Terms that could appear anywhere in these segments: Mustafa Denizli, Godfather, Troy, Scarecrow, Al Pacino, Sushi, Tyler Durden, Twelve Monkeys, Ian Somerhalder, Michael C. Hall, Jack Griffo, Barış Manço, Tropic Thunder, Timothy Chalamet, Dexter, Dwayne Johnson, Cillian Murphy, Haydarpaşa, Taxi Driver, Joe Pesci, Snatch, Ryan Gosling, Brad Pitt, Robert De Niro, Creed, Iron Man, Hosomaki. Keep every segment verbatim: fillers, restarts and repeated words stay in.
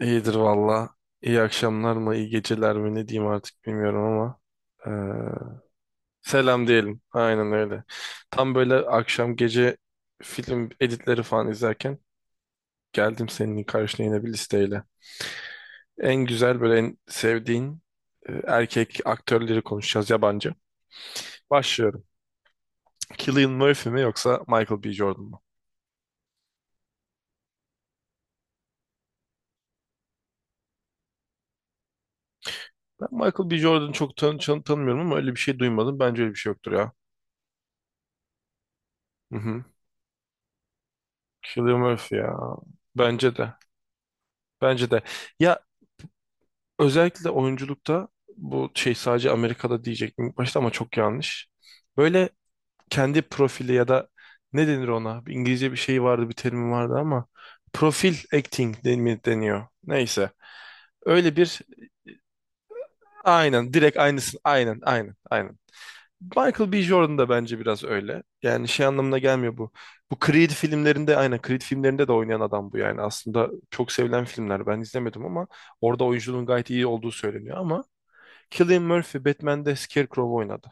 İyidir valla. İyi akşamlar mı, iyi geceler mi ne diyeyim artık bilmiyorum ama. eee, Selam diyelim. Aynen öyle. Tam böyle akşam gece film editleri falan izlerken geldim senin karşına yine bir listeyle. En güzel böyle en sevdiğin e, erkek aktörleri konuşacağız yabancı. Başlıyorum. Cillian Murphy mi yoksa Michael B. Jordan mu? Ben Michael B. Jordan'ı çok tan tan- tanımıyorum ama öyle bir şey duymadım. Bence öyle bir şey yoktur ya. Hı hı. Cillian Murphy ya. Bence de. Bence de. Ya özellikle oyunculukta bu şey sadece Amerika'da diyecektim ilk başta ama çok yanlış. Böyle kendi profili ya da ne denir ona? Bir İngilizce bir şey vardı, bir terim vardı ama profil acting deni- deniyor. Neyse. Öyle bir aynen direkt aynısın. Aynen, aynen, aynen. Michael B. Jordan da bence biraz öyle. Yani şey anlamına gelmiyor bu. Bu Creed filmlerinde aynen Creed filmlerinde de oynayan adam bu yani. Aslında çok sevilen filmler. Ben izlemedim ama orada oyunculuğun gayet iyi olduğu söyleniyor ama Cillian Murphy Batman'de Scarecrow oynadı.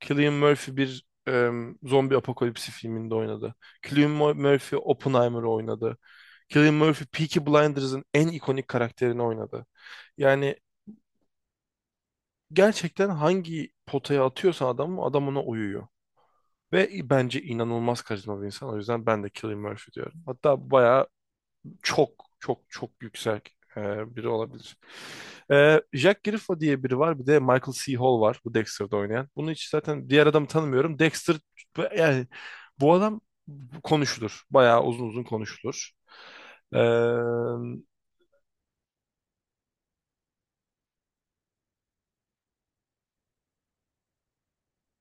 Cillian Murphy bir em, zombi apokalipsi filminde oynadı. Cillian Mur- Murphy Oppenheimer'ı oynadı. Cillian Murphy Peaky Blinders'ın en ikonik karakterini oynadı. Yani gerçekten hangi potaya atıyorsan adamı adam ona uyuyor. Ve bence inanılmaz karizma bir insan. O yüzden ben de Cillian Murphy diyorum. Hatta bayağı çok çok çok yüksek e, biri olabilir. E, Jack Griffo diye biri var. Bir de Michael C. Hall var. Bu Dexter'da oynayan. Bunu hiç zaten diğer adamı tanımıyorum. Dexter yani bu adam konuşulur. Bayağı uzun uzun konuşulur. E,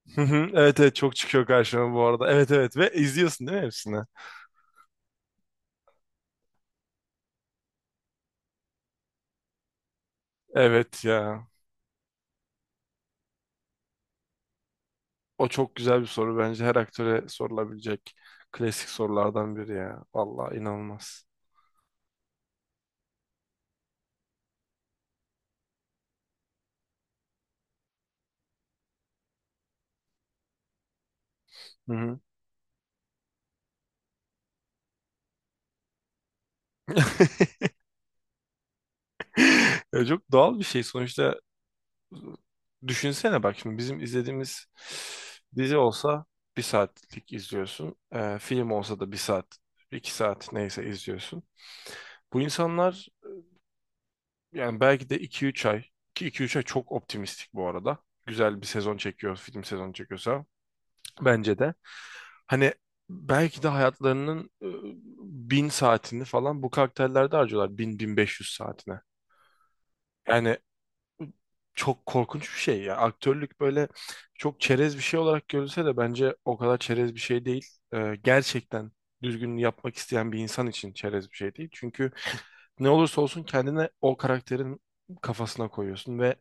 evet evet, çok çıkıyor karşıma bu arada. Evet evet, ve izliyorsun değil mi hepsini? Evet ya. O çok güzel bir soru bence. Her aktöre sorulabilecek klasik sorulardan biri ya. Vallahi inanılmaz. Hı hı. Ya çok doğal bir şey sonuçta. Düşünsene bak şimdi bizim izlediğimiz dizi olsa bir saatlik izliyorsun. Ee, film olsa da bir saat, iki saat neyse izliyorsun. Bu insanlar yani belki de iki üç ay, ki iki üç ay çok optimistik bu arada. Güzel bir sezon çekiyor, film sezonu çekiyorsa. Bence de. Hani belki de hayatlarının e, bin saatini falan bu karakterlerde harcıyorlar. Bin, bin beş yüz saatine. Yani çok korkunç bir şey ya. Aktörlük böyle çok çerez bir şey olarak görülse de bence o kadar çerez bir şey değil. Ee, gerçekten düzgün yapmak isteyen bir insan için çerez bir şey değil. Çünkü ne olursa olsun kendine o karakterin kafasına koyuyorsun ve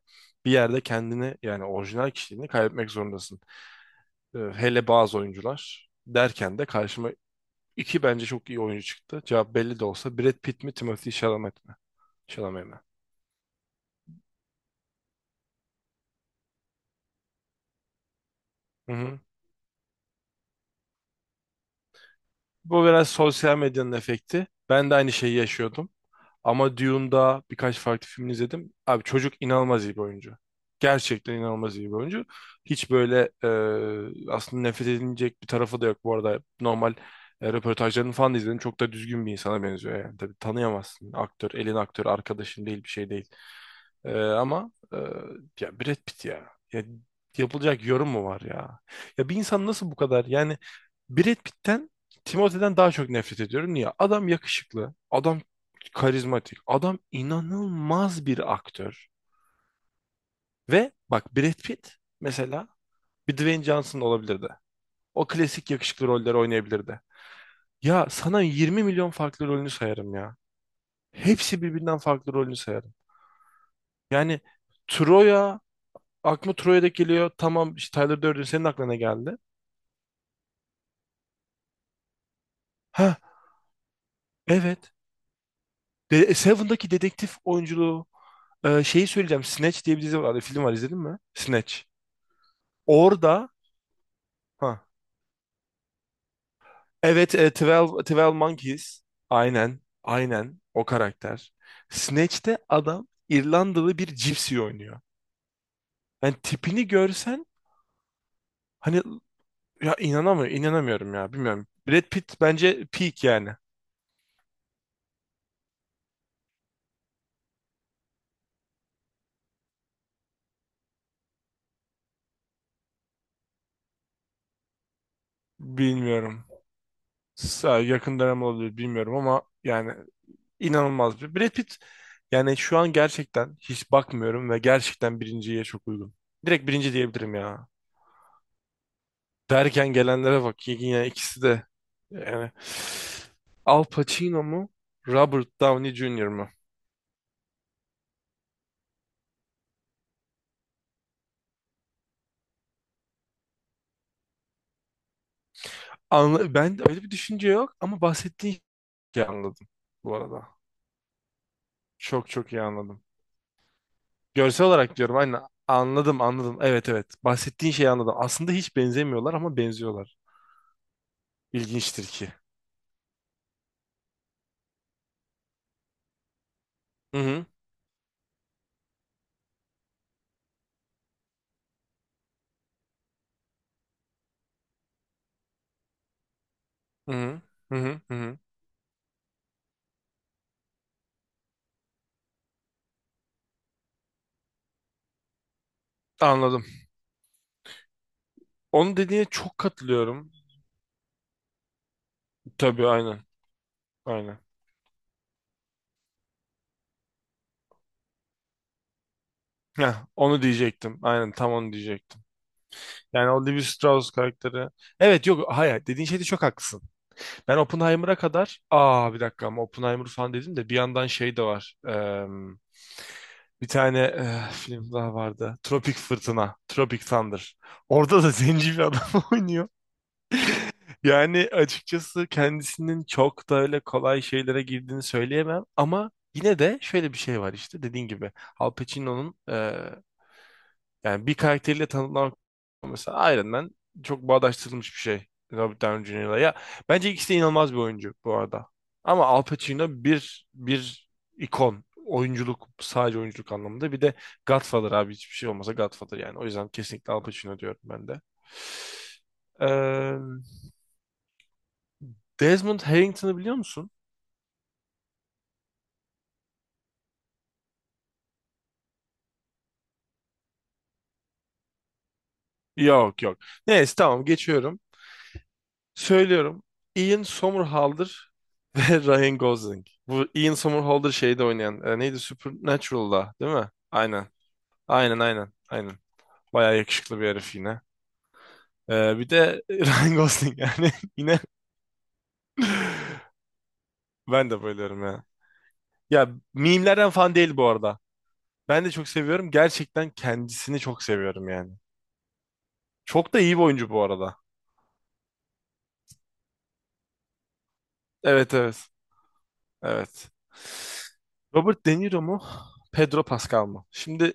bir yerde kendini yani orijinal kişiliğini kaybetmek zorundasın. Ee, hele bazı oyuncular derken de karşıma İki bence çok iyi oyuncu çıktı. Cevap belli de olsa. Brad Pitt mi, Timothy Chalamet mi? Chalamet mi? Hı hı. Bu biraz sosyal medyanın efekti. Ben de aynı şeyi yaşıyordum. Ama Dune'da birkaç farklı film izledim. Abi çocuk inanılmaz iyi bir oyuncu. Gerçekten inanılmaz iyi bir oyuncu. Hiç böyle e, aslında nefret edilecek bir tarafı da yok. Bu arada normal e, röportajlarını falan da izledim. Çok da düzgün bir insana benziyor yani. Tabii tanıyamazsın. Aktör, elin aktör, arkadaşın değil bir şey değil. Ee, ama e, ya Brad Pitt ya. Ya. Yapılacak yorum mu var ya? Ya bir insan nasıl bu kadar, yani Brad Pitt'ten Timothée daha çok nefret ediyorum. Niye? Adam yakışıklı, adam karizmatik, adam inanılmaz bir aktör. Ve bak Brad Pitt mesela bir Dwayne Johnson olabilirdi. O klasik yakışıklı rolleri oynayabilirdi. Ya sana 20 milyon farklı rolünü sayarım ya. Hepsi birbirinden farklı rolünü sayarım. Yani Troya aklıma Troy'da geliyor. Tamam işte, Tyler Durden senin aklına ne geldi? Ha, evet. De e, Seven'daki dedektif oyunculuğu e, şeyi söyleyeceğim. Snatch diye bir dizi var. Film var, izledin mi? Snatch. Orada, ha evet, e, Twelve 12 Monkeys. Aynen. Aynen o karakter. Snatch'te adam İrlandalı bir cipsi oynuyor. Yani tipini görsen, hani, ya inanamıyorum, inanamıyorum ya bilmiyorum. Brad Pitt bence peak yani. Bilmiyorum. Sa- Yakın dönem olabilir bilmiyorum ama yani İnanılmaz bir. Brad Pitt yani şu an gerçekten hiç bakmıyorum ve gerçekten birinciye çok uygun. Direkt birinci diyebilirim ya. Derken gelenlere bak, yani ikisi de, yani Al Pacino mu Robert Downey Junior mu? Anla ben öyle bir düşünce yok ama bahsettiğin şeyi anladım bu arada. Çok çok iyi anladım. Görsel olarak diyorum, aynen anladım anladım. Evet evet, bahsettiğin şeyi anladım. Aslında hiç benzemiyorlar ama benziyorlar. İlginçtir ki. Hı hı hı hı hı hı. Hı hı. Anladım. Onun dediğine çok katılıyorum. Tabii aynen. Aynen. Heh, onu diyecektim. Aynen tam onu diyecektim. Yani o Levi Strauss karakteri. Evet, yok hayır, dediğin şeyde çok haklısın. Ben Oppenheimer'a kadar, aa bir dakika, ama Oppenheimer falan dedim de bir yandan şey de var. Eee, bir tane eh, film daha vardı. Tropik Fırtına. Tropic Thunder. Orada da zenci bir adam oynuyor. Yani açıkçası kendisinin çok da öyle kolay şeylere girdiğini söyleyemem ama yine de şöyle bir şey var, işte dediğin gibi Al Pacino'nun e, yani bir karakteriyle tanımlamak, mesela Iron Man çok bağdaştırılmış bir şey Robert Downey junior'la ya. Bence ikisi de inanılmaz bir oyuncu bu arada ama Al Pacino bir bir ikon oyunculuk, sadece oyunculuk anlamında. Bir de Godfather abi, hiçbir şey olmasa Godfather, yani o yüzden kesinlikle Al Pacino diyorum ben de. Desmond Harrington'ı biliyor musun? Yok yok. Neyse, tamam geçiyorum. Söylüyorum. Ian Somerhalder ve Ryan Gosling. Bu Ian Somerhalder şeyde oynayan. E, neydi? Supernatural'da değil mi? Aynen. Aynen aynen. Aynen. Bayağı yakışıklı bir herif yine. E, bir de Ryan Gosling yani yine ben de bayılıyorum ya. Ya mimlerden falan değil bu arada. Ben de çok seviyorum. Gerçekten kendisini çok seviyorum yani. Çok da iyi bir oyuncu bu arada. Evet evet. Evet. Robert De Niro mu? Pedro Pascal mı? Şimdi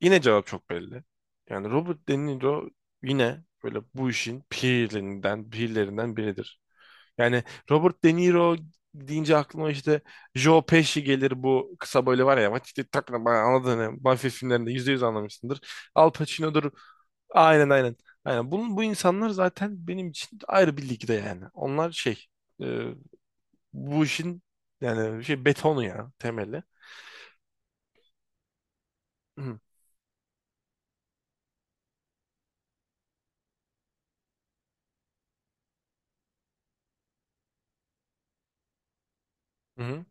yine cevap çok belli. Yani Robert De Niro yine böyle bu işin pirlerinden, pirlerinden biridir. Yani Robert De Niro deyince aklıma işte Joe Pesci gelir, bu kısa böyle var ya, işte takla bana, anladın ya. Mafya filmlerinde yüzde yüz anlamışsındır. Al Pacino'dur. Aynen aynen. Aynen. Bunun, bu insanlar zaten benim için ayrı bir ligde yani. Onlar şey e, bu işin yani şey betonu ya temeli. Hı hı. Hmm.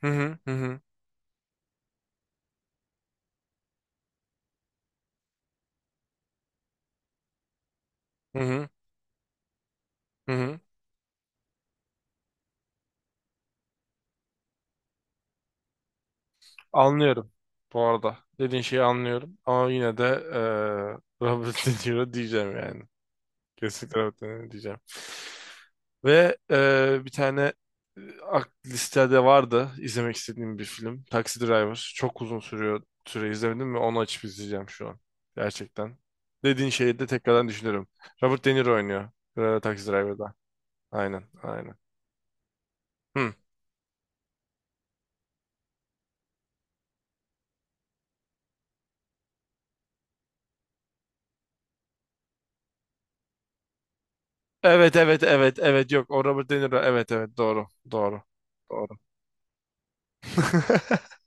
Hı hı hı hı hı hı. Hı hı. Anlıyorum bu arada. Dediğin şeyi anlıyorum. Ama yine de eee Robert De Niro diyeceğim yani. Kesinlikle evet, e, diyeceğim. Ve e, bir tane e, ak- listede vardı izlemek istediğim bir film. Taxi Driver. Çok uzun sürüyor, süre izlemedim ve onu açıp izleyeceğim şu an. Gerçekten. Dediğin şeyi de tekrardan düşünürüm. Robert De Niro oynuyor. E, Taxi Driver'da. Aynen, aynen. Hı. Evet, evet, evet, evet. Yok, o Robert De Niro. Evet, evet, doğru, doğru. Doğru.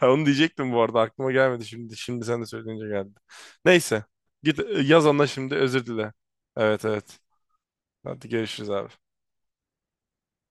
Ha, onu diyecektim bu arada aklıma gelmedi şimdi. Şimdi sen de söyleyince geldi. Neyse. Git e, yaz ona şimdi özür dile. Evet evet. Hadi görüşürüz abi.